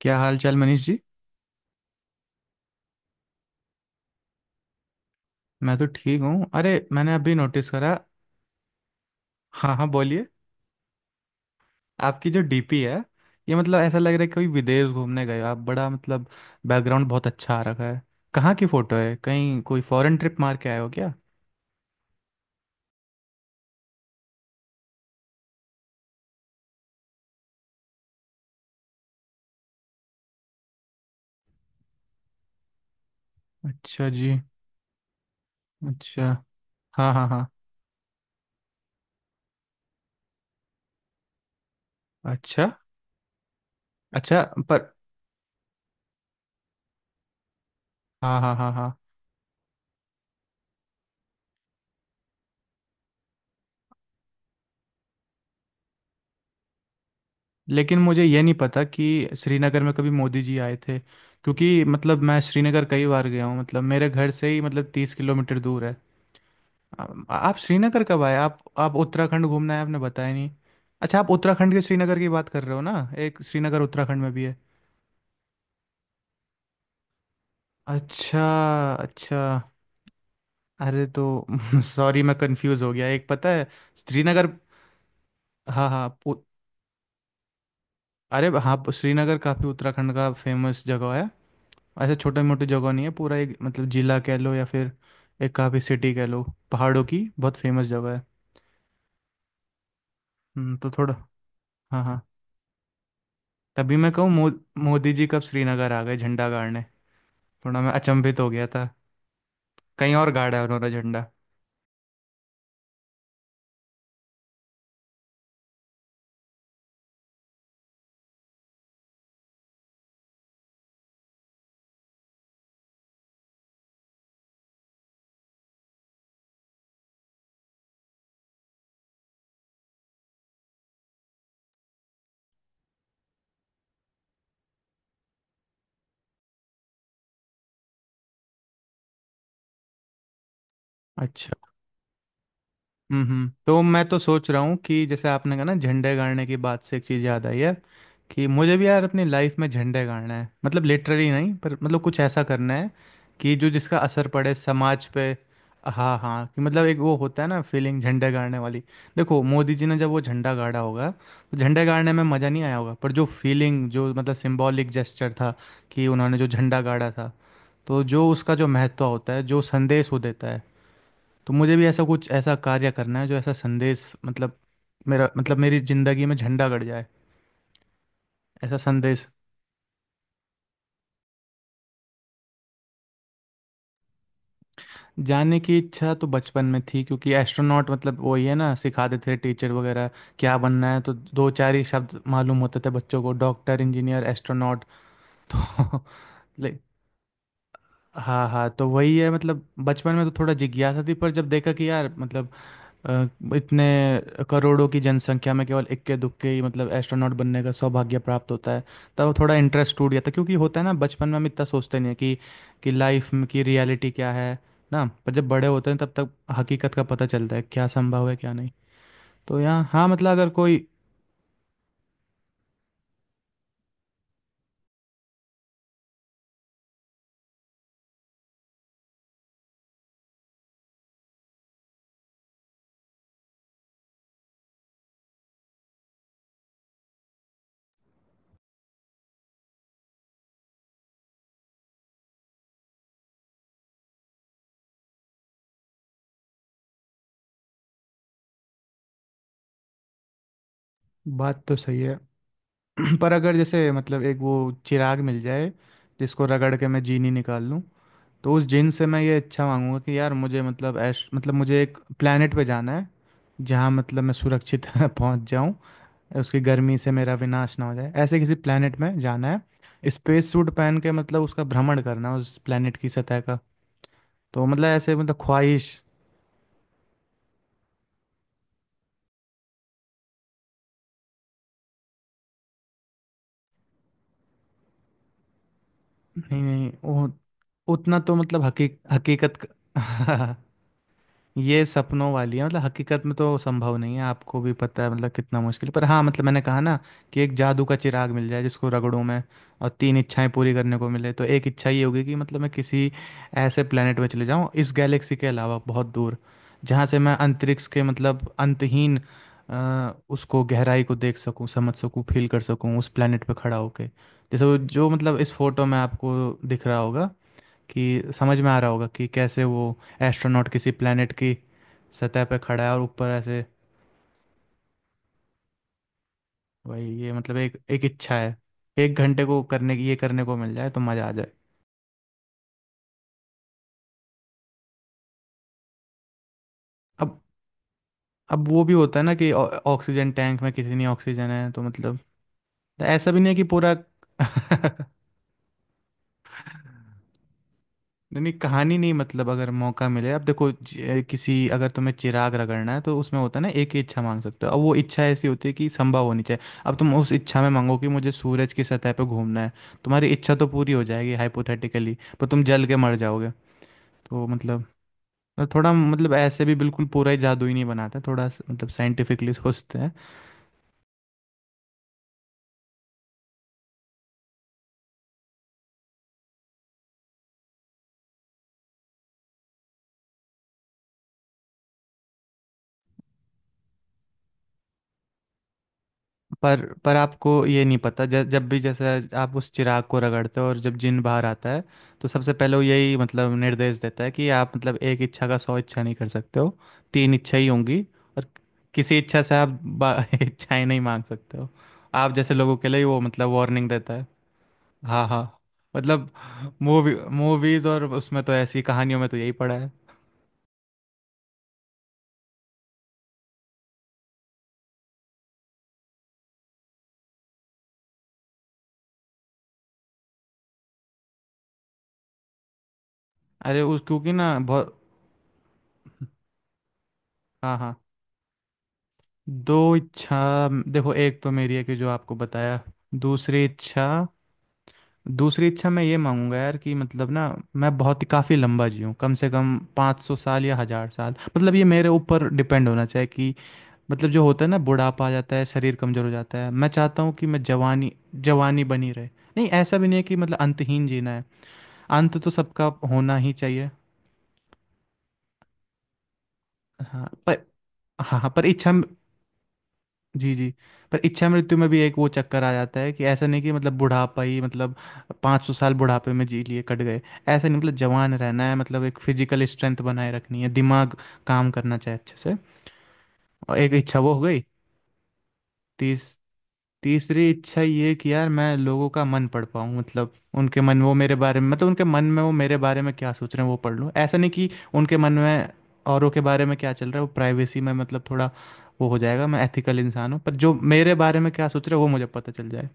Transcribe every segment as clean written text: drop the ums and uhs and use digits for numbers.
क्या हाल चाल मनीष जी। मैं तो ठीक हूँ। अरे मैंने अभी नोटिस करा। हाँ हाँ बोलिए। आपकी जो डीपी है, ये मतलब ऐसा लग रहा है कोई विदेश घूमने गए हो आप। बड़ा मतलब बैकग्राउंड बहुत अच्छा आ रखा है। कहाँ की फ़ोटो है? कहीं कोई फॉरेन ट्रिप मार के आए हो क्या? अच्छा जी। अच्छा। हाँ हाँ हाँ। अच्छा। अच्छा। पर हाँ हाँ हाँ हाँ। लेकिन मुझे ये नहीं पता कि श्रीनगर में कभी मोदी जी आए थे, क्योंकि मतलब मैं श्रीनगर कई बार गया हूँ, मतलब मेरे घर से ही मतलब 30 किलोमीटर दूर है। आ- आप श्रीनगर कब आए आप? आप उत्तराखंड घूमना है, आपने बताया नहीं। अच्छा, आप उत्तराखंड के श्रीनगर की बात कर रहे हो ना? एक श्रीनगर उत्तराखंड में भी है। अच्छा। अच्छा। अरे तो सॉरी, मैं कंफ्यूज हो गया। एक पता है श्रीनगर। हाँ हाँ अरे हाँ श्रीनगर काफ़ी उत्तराखंड का फेमस जगह है। ऐसे छोटे मोटे जगह नहीं है, पूरा एक मतलब जिला कह लो या फिर एक काफ़ी सिटी कह लो। पहाड़ों की बहुत फेमस जगह है। तो थोड़ा हाँ हाँ तभी मैं कहूँ मोदी जी कब श्रीनगर आ गए झंडा गाड़ने? थोड़ा मैं अचंभित हो गया था। कहीं और गाड़ा है उन्होंने झंडा। अच्छा। हम्म, तो मैं तो सोच रहा हूँ कि जैसे आपने कहा ना झंडे गाड़ने की बात से एक चीज़ याद आई है कि मुझे भी यार अपनी लाइफ में झंडे गाड़ना है, मतलब लिटरली नहीं, पर मतलब कुछ ऐसा करना है कि जो जिसका असर पड़े समाज पे। हाँ हाँ कि मतलब एक वो होता है ना फीलिंग झंडे गाड़ने वाली। देखो, मोदी जी ने जब वो झंडा गाड़ा होगा तो झंडे गाड़ने में मज़ा नहीं आया होगा, पर जो फीलिंग, जो मतलब सिंबॉलिक जेस्चर था कि उन्होंने जो झंडा गाड़ा था, तो जो उसका जो महत्व होता है, जो संदेश वो देता है, तो मुझे भी ऐसा कुछ ऐसा कार्य करना है जो ऐसा संदेश, मतलब मेरा मतलब मेरी ज़िंदगी में झंडा गड़ जाए, ऐसा संदेश। जानने की इच्छा तो बचपन में थी, क्योंकि एस्ट्रोनॉट मतलब वही है ना सिखाते थे टीचर वगैरह क्या बनना है, तो दो चार ही शब्द मालूम होते थे बच्चों को, डॉक्टर इंजीनियर एस्ट्रोनॉट। तो ले हाँ हाँ, तो वही है, मतलब बचपन में तो थोड़ा जिज्ञासा थी, पर जब देखा कि यार मतलब अ, इतने करोड़ों की जनसंख्या में केवल इक्के दुक्के ही मतलब एस्ट्रोनॉट बनने का सौभाग्य प्राप्त होता है, तब थोड़ा इंटरेस्ट टूट गया था, क्योंकि होता है ना बचपन में हम इतना सोचते नहीं है कि लाइफ में की रियलिटी क्या है ना, पर जब बड़े होते हैं तब तक हकीकत का पता चलता है क्या संभव है क्या नहीं। तो यहाँ हाँ मतलब अगर कोई बात तो सही है। पर अगर जैसे मतलब एक वो चिराग मिल जाए जिसको रगड़ के मैं जीनी निकाल लूँ, तो उस जिन से मैं ये इच्छा मांगूंगा कि यार मुझे मतलब ऐश मतलब मुझे एक प्लेनेट पे जाना है जहाँ मतलब मैं सुरक्षित पहुँच जाऊँ, उसकी गर्मी से मेरा विनाश ना हो जाए, ऐसे किसी प्लेनेट में जाना है, स्पेस सूट पहन के मतलब उसका भ्रमण करना है उस प्लेनेट की सतह का। तो मतलब ऐसे मतलब ख्वाहिश। नहीं नहीं, वो उतना तो मतलब हकीकत। ये सपनों वाली है, मतलब हकीकत में तो संभव नहीं है आपको भी पता है मतलब कितना मुश्किल, पर हाँ मतलब मैंने कहा ना कि एक जादू का चिराग मिल जाए जिसको रगड़ूं मैं और तीन इच्छाएं पूरी करने को मिले तो एक इच्छा ये होगी कि मतलब मैं किसी ऐसे प्लेनेट में चले जाऊं इस गैलेक्सी के अलावा बहुत दूर, जहाँ से मैं अंतरिक्ष के मतलब अंतहीन उसको गहराई को देख सकूं समझ सकूं फील कर सकूं उस प्लेनेट पे खड़ा होके, जैसे वो जो मतलब इस फोटो में आपको दिख रहा होगा कि समझ में आ रहा होगा कि कैसे वो एस्ट्रोनॉट किसी प्लेनेट की सतह पे खड़ा है और ऊपर ऐसे। भाई, ये मतलब एक एक इच्छा है, एक घंटे को करने की, ये करने को मिल जाए तो मज़ा आ जाए। अब अब वो भी होता है ना कि ऑक्सीजन टैंक में किसी नहीं ऑक्सीजन है तो मतलब ऐसा भी नहीं है कि पूरा। नहीं नहीं कहानी नहीं, मतलब अगर मौका मिले। अब देखो किसी अगर तुम्हें चिराग रगड़ना है तो उसमें होता है ना एक ही इच्छा मांग सकते हो, अब वो इच्छा ऐसी होती है कि संभव होनी चाहिए। अब तुम उस इच्छा में मांगो कि मुझे सूरज की सतह पे घूमना है, तुम्हारी इच्छा तो पूरी हो जाएगी हाइपोथेटिकली, पर तुम जल के मर जाओगे। तो मतलब थोड़ा मतलब ऐसे भी बिल्कुल पूरा ही जादुई नहीं बनाते, थोड़ा मतलब साइंटिफिकली सोचते हैं। पर आपको ये नहीं पता, जब जब भी जैसे आप उस चिराग को रगड़ते हो और जब जिन बाहर आता है, तो सबसे पहले वो यही मतलब निर्देश देता है कि आप मतलब एक इच्छा का 100 इच्छा नहीं कर सकते हो, 3 इच्छा ही होंगी। और किसी इच्छा से आप इच्छाएं नहीं मांग सकते हो, आप जैसे लोगों के लिए वो मतलब वार्निंग देता है। हाँ हाँ मतलब मूवीज और उसमें तो ऐसी कहानियों में तो यही पड़ा है। अरे उस क्योंकि ना बहुत। हाँ हाँ 2 इच्छा देखो, एक तो मेरी है कि जो आपको बताया। दूसरी इच्छा दूसरी इच्छा मैं ये मांगूंगा यार कि मतलब ना मैं बहुत ही काफ़ी लंबा जीऊँ, कम से कम 500 साल या 1,000 साल, मतलब ये मेरे ऊपर डिपेंड होना चाहिए कि मतलब जो होता है ना बुढ़ापा आ जाता है शरीर कमज़ोर हो जाता है मैं चाहता हूँ कि मैं जवानी जवानी बनी रहे। नहीं ऐसा भी नहीं है कि मतलब अंतहीन जीना है, अंत तो सबका होना ही चाहिए। हाँ पर हाँ हाँ पर इच्छा। जी जी, पर इच्छा मृत्यु में भी एक वो चक्कर आ जाता है कि ऐसा नहीं कि मतलब बुढ़ापा ही मतलब 500 साल बुढ़ापे में जी लिए कट गए, ऐसा नहीं, मतलब जवान रहना है, मतलब एक फिजिकल स्ट्रेंथ बनाए रखनी है दिमाग काम करना चाहिए अच्छे से। और एक इच्छा वो हो गई। तीस तीसरी इच्छा ये कि यार मैं लोगों का मन पढ़ पाऊँ, मतलब उनके मन वो मेरे बारे में मतलब उनके मन में वो मेरे बारे में क्या सोच रहे हैं वो पढ़ लूँ, ऐसा नहीं कि उनके मन में औरों के बारे में क्या चल रहा है वो प्राइवेसी में मतलब थोड़ा वो हो जाएगा, मैं एथिकल इंसान हूँ, पर जो मेरे बारे में क्या सोच रहे हैं वो मुझे पता चल जाए।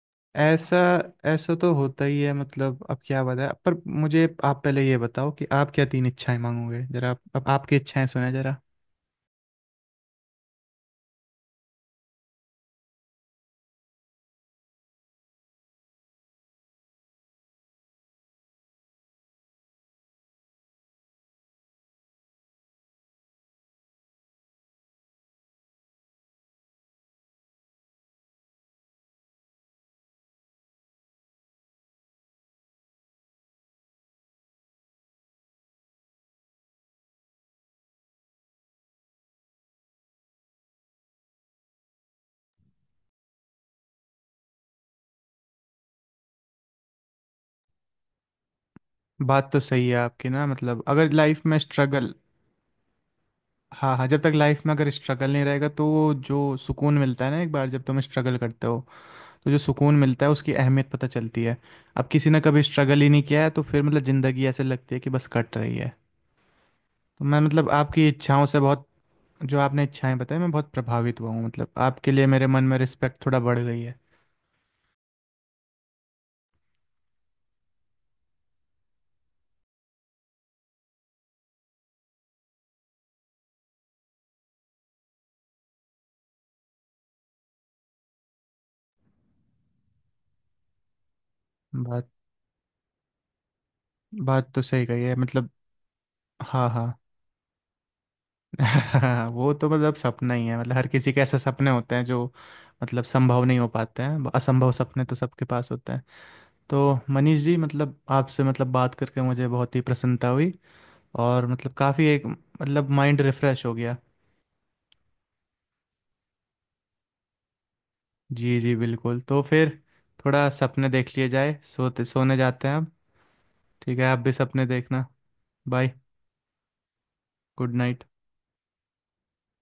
ऐसा ऐसा तो होता ही है मतलब अब क्या बताए, पर मुझे आप पहले ये बताओ कि आप क्या 3 इच्छाएं मांगोगे? जरा अब आपकी इच्छाएं सुने जरा। बात तो सही है आपकी ना मतलब अगर लाइफ में स्ट्रगल। हाँ हाँ जब तक लाइफ में अगर स्ट्रगल नहीं रहेगा तो वो जो सुकून मिलता है ना एक बार जब तुम स्ट्रगल करते हो तो जो सुकून मिलता है उसकी अहमियत पता चलती है। अब किसी ने कभी स्ट्रगल ही नहीं किया है तो फिर मतलब ज़िंदगी ऐसे लगती है कि बस कट रही है। तो मैं मतलब आपकी इच्छाओं से बहुत, जो आपने इच्छाएं बताई, मैं बहुत प्रभावित हुआ हूँ, मतलब आपके लिए मेरे मन में रिस्पेक्ट थोड़ा बढ़ गई है। बात बात तो सही कही है मतलब। हाँ हाँ। वो तो मतलब सपना ही है, मतलब हर किसी के ऐसे सपने होते हैं जो मतलब संभव नहीं हो पाते हैं, असंभव सपने तो सबके पास होते हैं। तो मनीष जी मतलब आपसे मतलब बात करके मुझे बहुत ही प्रसन्नता हुई, और मतलब काफ़ी एक मतलब माइंड रिफ़्रेश हो गया। जी जी बिल्कुल। तो फिर थोड़ा सपने देख लिए जाए, सोते सोने जाते हैं अब। ठीक है, आप भी सपने देखना। बाय। Good night.